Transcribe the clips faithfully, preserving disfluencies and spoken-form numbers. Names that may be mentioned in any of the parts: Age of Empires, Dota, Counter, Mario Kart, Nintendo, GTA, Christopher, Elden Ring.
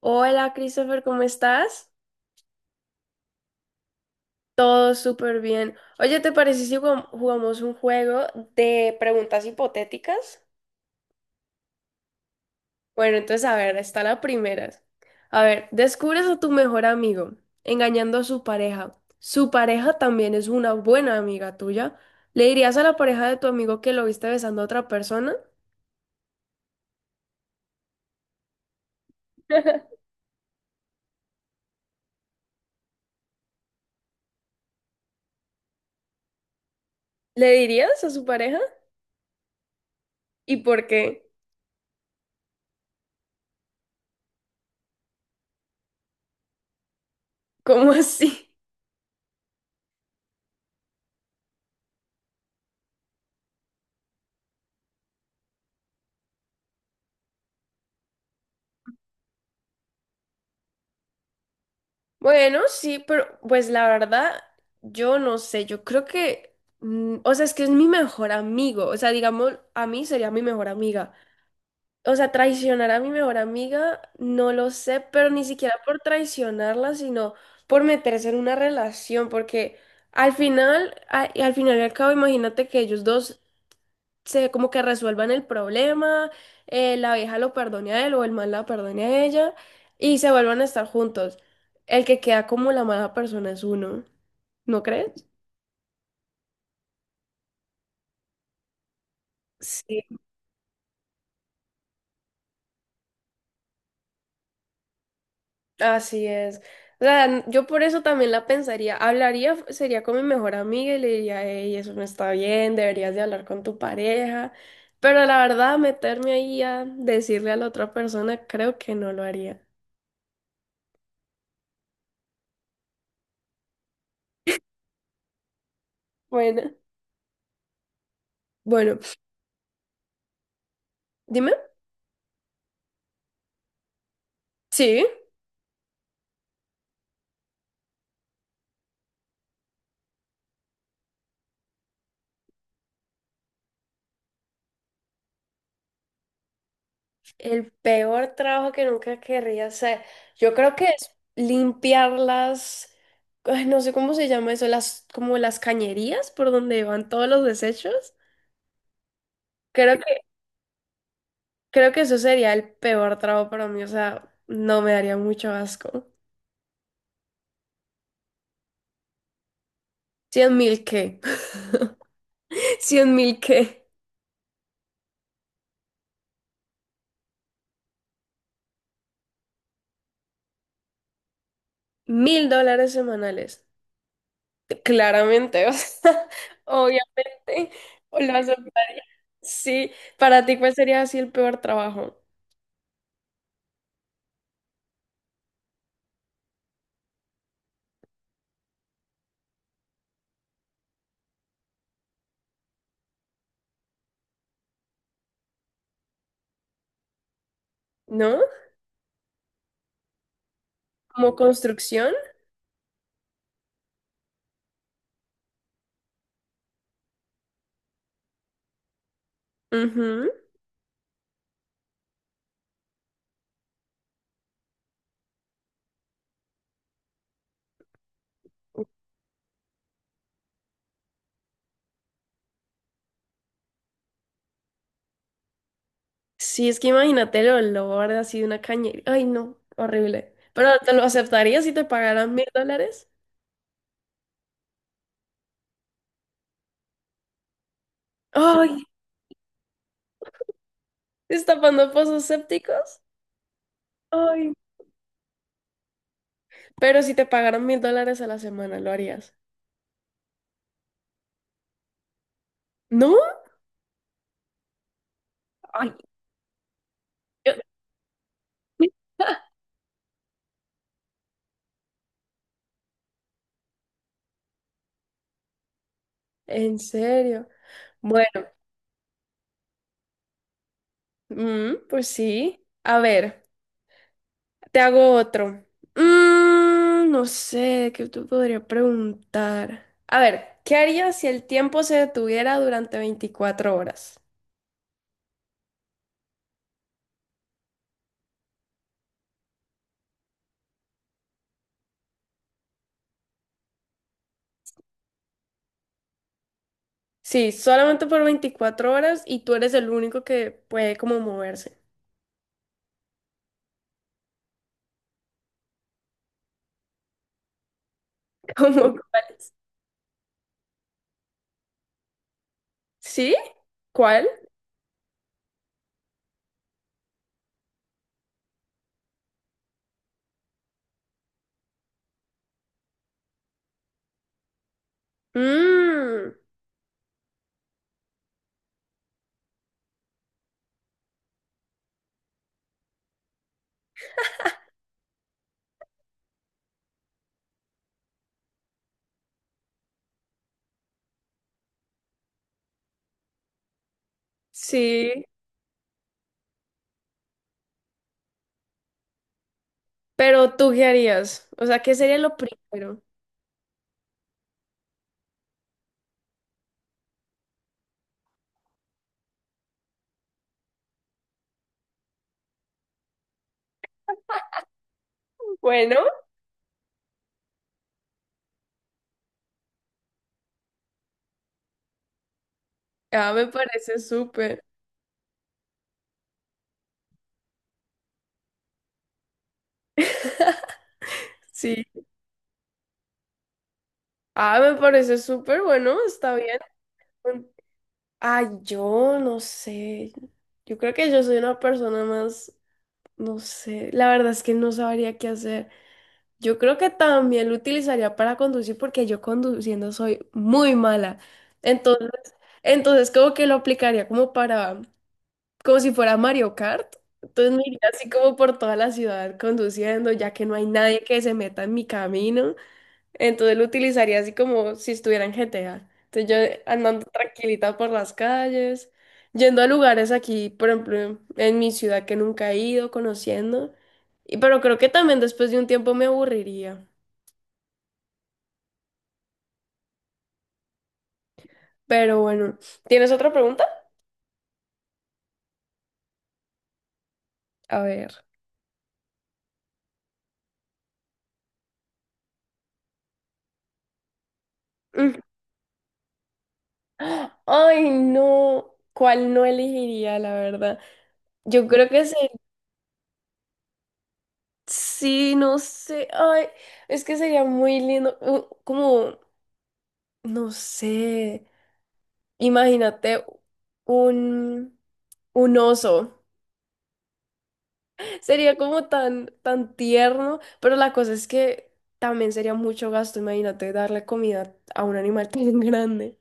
Hola Christopher, ¿cómo estás? Todo súper bien. Oye, ¿te parece si jugam- jugamos un juego de preguntas hipotéticas? Bueno, entonces a ver, está la primera. A ver, descubres a tu mejor amigo engañando a su pareja. Su pareja también es una buena amiga tuya. ¿Le dirías a la pareja de tu amigo que lo viste besando a otra persona? ¿Le dirías a su pareja? ¿Y por qué? ¿Cómo así? Bueno, sí, pero pues la verdad, yo no sé, yo creo que, mm, o sea, es que es mi mejor amigo, o sea, digamos, a mí sería mi mejor amiga. O sea, traicionar a mi mejor amiga, no lo sé, pero ni siquiera por traicionarla, sino por meterse en una relación, porque al final, a- al final y al cabo, imagínate que ellos dos se como que resuelvan el problema, eh, la vieja lo perdone a él o el mal la perdone a ella y se vuelvan a estar juntos. El que queda como la mala persona es uno, ¿no crees? Sí, así es. O sea, n- yo por eso también la pensaría. Hablaría, f- sería con mi mejor amiga y le diría, hey, eso no está bien, deberías de hablar con tu pareja. Pero la verdad, meterme ahí a decirle a la otra persona, creo que no lo haría. Bueno, bueno, dime. Sí. El peor trabajo que nunca querría hacer. Yo creo que es limpiar las, ay, no sé cómo se llama eso, las, como las cañerías por donde van todos los desechos. Creo que, creo que eso sería el peor trabajo para mí. O sea, no me daría mucho asco. Cien mil qué. Cien mil qué. Mil dólares semanales. Claramente, o sea, obviamente. Lo aceptaría. Sí, para ti, ¿cuál sería así el peor trabajo? ¿No? Como construcción. Ujú. Sí, es que imagínate el olor así de una cañería. Ay, no, horrible. Pero ¿te lo aceptarías si te pagaran mil dólares? Ay, destapando pozos sépticos. Ay. Pero si te pagaran mil dólares a la semana, ¿lo harías? ¿No? Ay, yo- ¿En serio? Bueno, mm, pues sí. A ver. Te hago otro. Mm, no sé, ¿qué tú podría preguntar? A ver, ¿qué harías si el tiempo se detuviera durante veinticuatro horas? Sí, solamente por veinticuatro horas y tú eres el único que puede como moverse. ¿Cómo? ¿Sí? ¿Cuál? Mm, sí. Pero ¿tú qué harías? O sea, ¿qué sería lo primero? Bueno, ah, me parece súper. Sí. Ah, me parece súper bueno, está bien. Ay, yo no sé. Yo creo que yo soy una persona más, no sé, la verdad es que no sabría qué hacer. Yo creo que también lo utilizaría para conducir porque yo conduciendo soy muy mala. Entonces, entonces como que lo aplicaría como para, como si fuera Mario Kart. Entonces me iría así como por toda la ciudad conduciendo, ya que no hay nadie que se meta en mi camino. Entonces lo utilizaría así como si estuviera en G T A. Entonces yo andando tranquilita por las calles, yendo a lugares aquí, por ejemplo, en mi ciudad que nunca he ido, conociendo. Y pero creo que también después de un tiempo me aburriría. Pero bueno, ¿tienes otra pregunta? A ver. Mm. Ay, no. ¿Cuál no elegiría, la verdad? Yo creo que se- sí, no sé. Ay, es que sería muy lindo. uh, Como, no sé. Imagínate un, un oso. Sería como tan, tan tierno, pero la cosa es que también sería mucho gasto. Imagínate darle comida a un animal tan grande.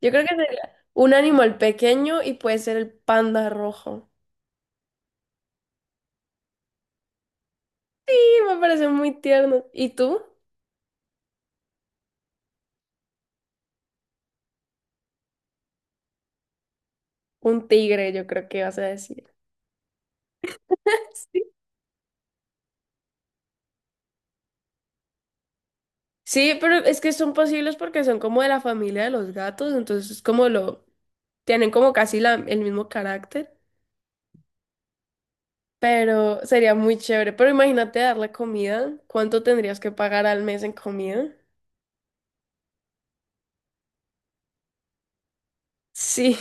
Yo creo que sería un animal pequeño y puede ser el panda rojo. Sí, me parece muy tierno. ¿Y tú? Un tigre, yo creo que vas a decir. Sí, Sí, pero es que son posibles porque son como de la familia de los gatos, entonces como lo. Tienen como casi la- el mismo carácter. Pero sería muy chévere. Pero imagínate darle comida. ¿Cuánto tendrías que pagar al mes en comida? Sí,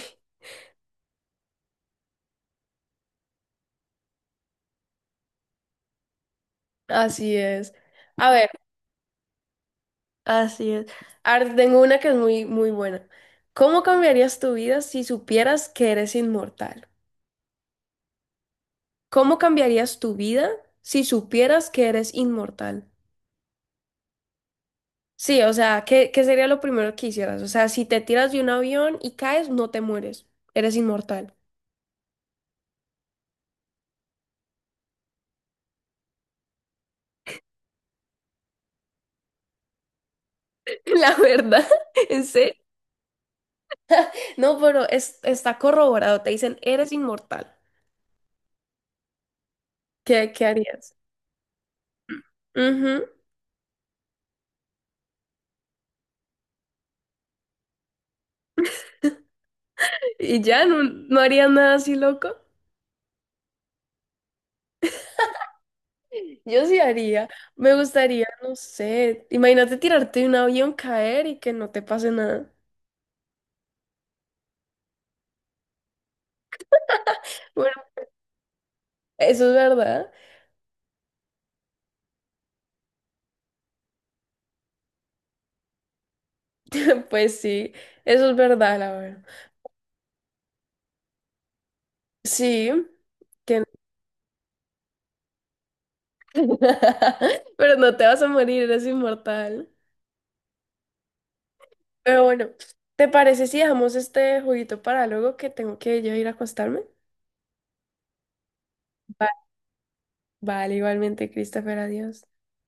así es. A ver, así es. Ahora tengo una que es muy, muy buena. ¿Cómo cambiarías tu vida si supieras que eres inmortal? ¿Cómo cambiarías tu vida si supieras que eres inmortal? Sí, o sea, ¿qué, qué sería lo primero que hicieras? O sea, si te tiras de un avión y caes, no te mueres. Eres inmortal. La verdad, en serio. No, pero es, está corroborado. Te dicen, eres inmortal. ¿Qué, qué harías? Ujú. Y ya no, no haría nada así loco. Yo sí haría. Me gustaría, no sé. Imagínate tirarte de un avión, caer y que no te pase nada. Bueno, eso es verdad. Pues sí, eso es verdad, la verdad. Sí, que pero no te vas a morir, eres inmortal. Pero bueno, ¿te parece si dejamos este jueguito para luego que tengo que yo ir a acostarme? Vale, igualmente, Christopher, adiós.